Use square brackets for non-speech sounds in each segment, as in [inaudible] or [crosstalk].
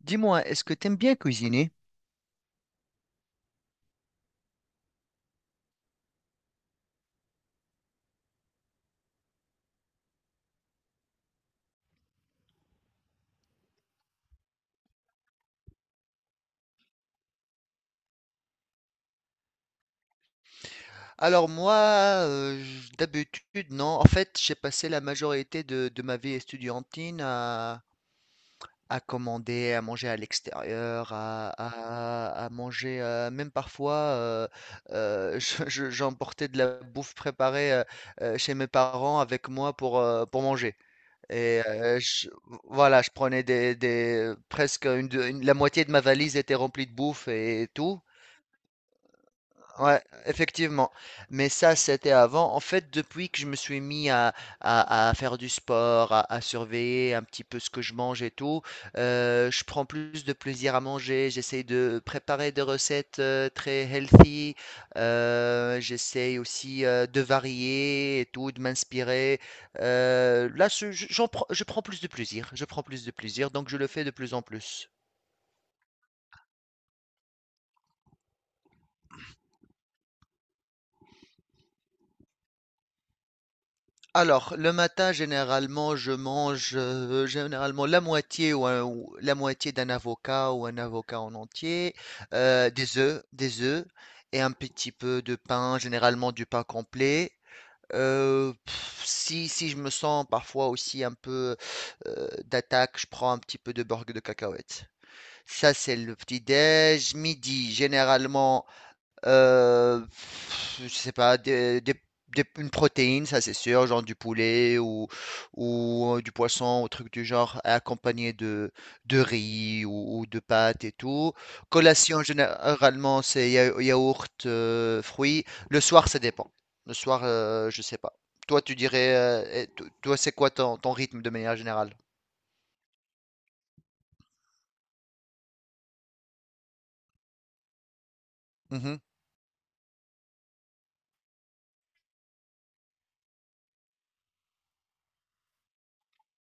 Dis-moi, est-ce que t'aimes bien cuisiner? Alors moi, d'habitude, non. En fait, j'ai passé la majorité de ma vie estudiantine à commander, à manger à l'extérieur, à manger, même parfois, [laughs] j'emportais de la bouffe préparée chez mes parents avec moi pour manger. Et voilà, je prenais presque la moitié de ma valise était remplie de bouffe et tout. Ouais, effectivement. Mais ça, c'était avant. En fait, depuis que je me suis mis à faire du sport, à surveiller un petit peu ce que je mange et tout, je prends plus de plaisir à manger. J'essaye de préparer des recettes très healthy. J'essaye aussi de varier et tout, de m'inspirer. Là, je prends plus de plaisir. Je prends plus de plaisir, donc je le fais de plus en plus. Alors, le matin, généralement, je mange généralement la moitié ou la moitié d'un avocat ou un avocat en entier, des œufs et un petit peu de pain, généralement du pain complet. Si, si je me sens parfois aussi un peu d'attaque, je prends un petit peu de beurre de cacahuètes. Ça, c'est le petit déj. Midi, généralement, je sais pas, une protéine, ça c'est sûr, genre du poulet ou du poisson, ou truc du genre, accompagné de riz ou de pâtes et tout. Collation, généralement, c'est yaourt, fruits. Le soir, ça dépend. Le soir, je sais pas. Toi, tu dirais, toi, c'est quoi ton, ton rythme de manière générale? Mhm,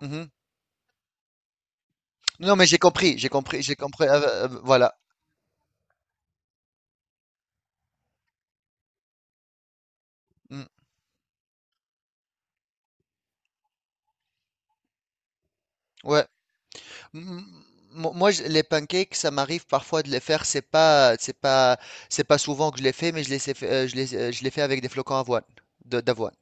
mhm. Non, mais j'ai compris, j'ai compris, j'ai compris. Voilà. Mm, ouais. M- Moi, les pancakes, ça m'arrive parfois de les faire. C'est pas souvent que je les fais, mais je les, sais fa- je les fais avec des flocons avoine, d'avoine.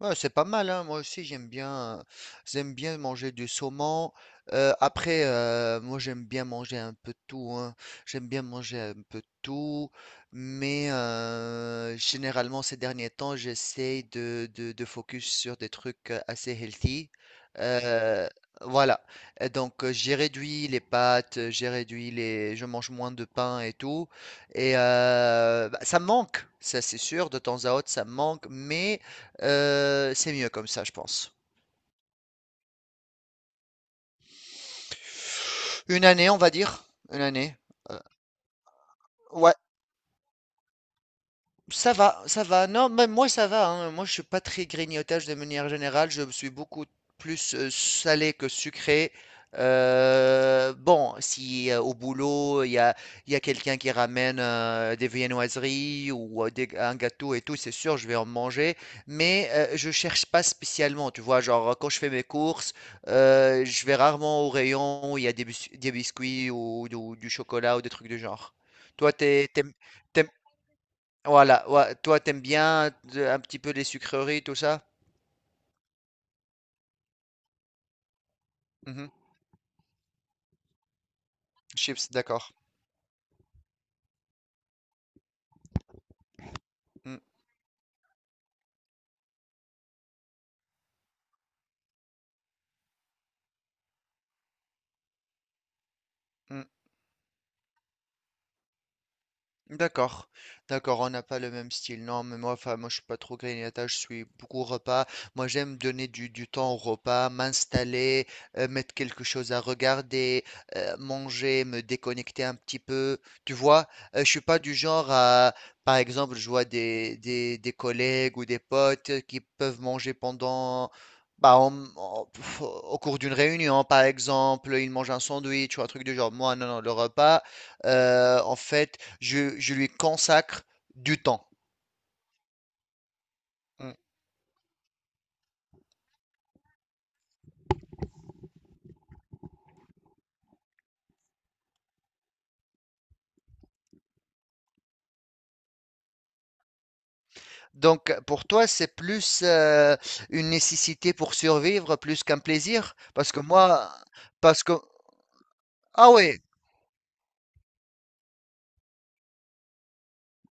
Ouais, c'est pas mal, hein. Moi aussi j'aime bien manger du saumon. Après, moi j'aime bien manger un peu de tout, hein. J'aime bien manger un peu de tout, mais généralement ces derniers temps j'essaye de focus sur des trucs assez healthy. Euh, voilà. Et donc j'ai réduit les pâtes, j'ai réduit les, je mange moins de pain et tout. Et bah, ça me manque, ça c'est sûr, de temps à autre ça me manque, mais c'est mieux comme ça, je pense. Une année, on va dire. Une année. Euh, ouais, ça va, ça va. Non, même moi, ça va, hein. Moi, je suis pas très grignotage de manière générale. Je suis beaucoup plus salé que sucré. Bon, si au boulot, il y a quelqu'un qui ramène des viennoiseries ou un gâteau et tout, c'est sûr, je vais en manger. Mais je cherche pas spécialement. Tu vois, genre, quand je fais mes courses, je vais rarement au rayon où il y a des biscuits ou, du chocolat ou des trucs du genre. Toi, t'es, t'aimes- voilà, ouais, toi t'aimes bien de un petit peu les sucreries, tout ça? Mmh. Chips, d'accord. Mmh. Mmh. D'accord, d'accord, on n'a pas le même style. Non, mais moi, enfin, moi, je suis pas trop grignotage, je suis beaucoup repas. Moi, j'aime donner du temps au repas, m'installer, mettre quelque chose à regarder, manger, me déconnecter un petit peu. Tu vois, je suis pas du genre à, par exemple, je vois des collègues ou des potes qui peuvent manger pendant, bah, au cours d'une réunion, par exemple, ils mangent un sandwich ou un truc du genre. Moi, non, non, le repas. En fait, je lui consacre du temps. Mm. Donc pour toi, c'est plus une nécessité pour survivre plus qu'un plaisir, parce que moi, parce que ah oui,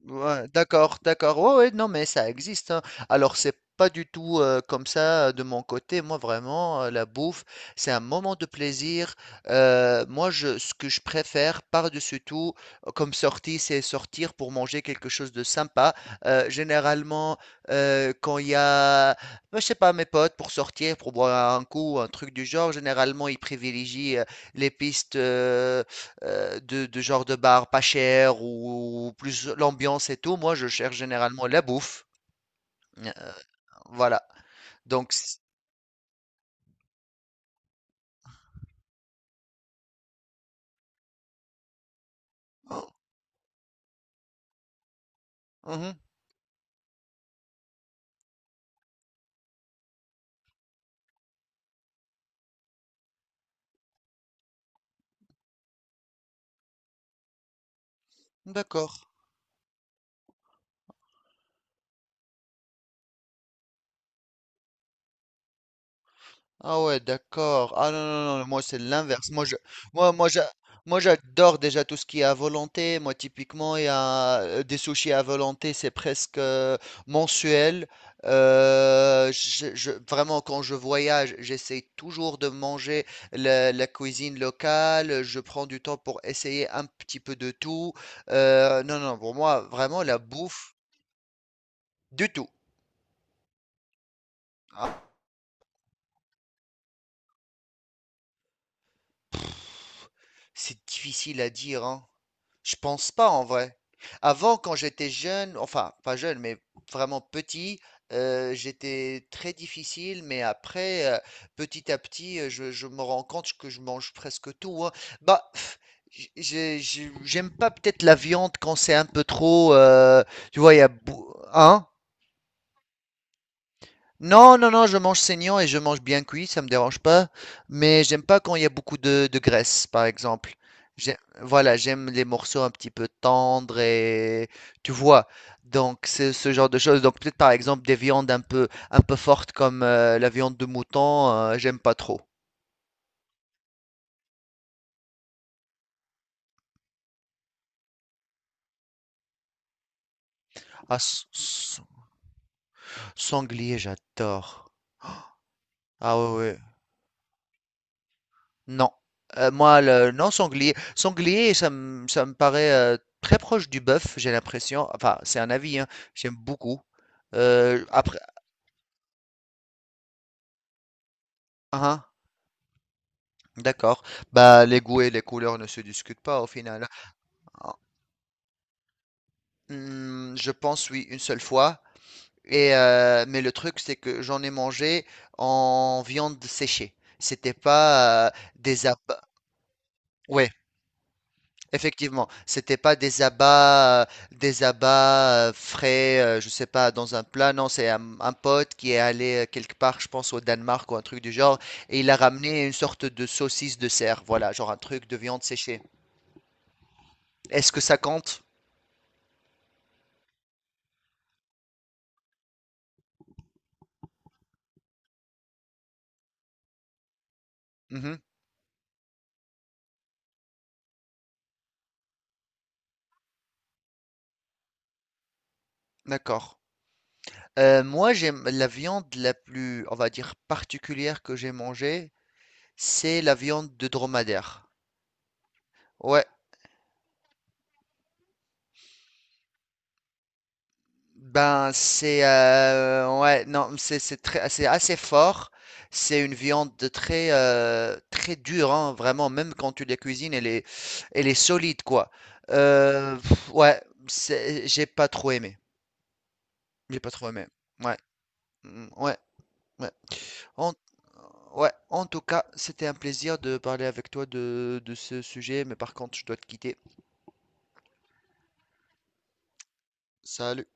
ouais, d'accord, d'accord. Ouais, ouais, non, mais ça existe, hein. Alors, c'est pas du tout comme ça de mon côté. Moi, vraiment, la bouffe, c'est un moment de plaisir. Moi, ce que je préfère par-dessus tout, comme sortie, c'est sortir pour manger quelque chose de sympa. Généralement, quand il y a, bah, je sais pas, mes potes pour sortir, pour boire un coup, un truc du genre, généralement, ils privilégient les pistes. De genre de bar pas cher ou plus l'ambiance et tout. Moi, je cherche généralement la bouffe. Euh, Voilà. Donc, c- Oh, mhm, d'accord. Ah ouais, d'accord. Ah non, non, non, moi c'est l'inverse. Moi, je, moi, moi j'adore déjà tout ce qui est à volonté. Moi, typiquement, il y a des sushis à volonté, c'est presque mensuel. Vraiment, quand je voyage, j'essaie toujours de manger la, la cuisine locale. Je prends du temps pour essayer un petit peu de tout. Non, non, pour moi, vraiment, la bouffe, du tout. C'est difficile à dire, hein. Je pense pas en vrai. Avant, quand j'étais jeune, enfin pas jeune, mais vraiment petit, j'étais très difficile, mais après, petit à petit, je me rends compte que je mange presque tout, hein. Bah, pff, j- j'ai- j'aime pas peut-être la viande quand c'est un peu trop. Tu vois, il y a, bou- hein? Non, non, non, je mange saignant et je mange bien cuit, ça me dérange pas. Mais j'aime pas quand il y a beaucoup de graisse, par exemple. J'ai- voilà, j'aime les morceaux un petit peu tendres et tu vois. Donc c'est ce genre de choses. Donc peut-être par exemple des viandes un peu fortes comme la viande de mouton, j'aime pas trop. Ah, s- s- sanglier, j'adore. Ah ouais, ouais. Non. Sanglier. Sanglier, ça me paraît très proche du bœuf, j'ai l'impression. Enfin, c'est un avis, hein. J'aime beaucoup. Après, hein, hein, d'accord. Bah, les goûts et les couleurs ne se discutent pas au final, hein. Ah, hmm, je pense, oui, une seule fois. Et, mais le truc, c'est que j'en ai mangé en viande séchée. C'était pas des abats. Effectivement, c'était pas des abats, des abats frais, je sais pas, dans un plat. Non, c'est un pote qui est allé quelque part, je pense au Danemark ou un truc du genre, et il a ramené une sorte de saucisse de cerf. Voilà, genre un truc de viande séchée. Est-ce que ça compte? Mhm, d'accord. Moi, j'aime la viande la plus, on va dire, particulière que j'ai mangée, c'est la viande de dromadaire. Ouais, ben, c'est ouais, non, c'est très, c'est assez fort. C'est une viande de très très dure, hein, vraiment. Même quand tu la cuisines, elle est solide, quoi. Ouais, j'ai pas trop aimé. J'ai pas trop aimé. Ouais, mm, ouais, ouais. En, ouais. En tout cas, c'était un plaisir de parler avec toi de ce sujet, mais par contre, je dois te quitter. Salut.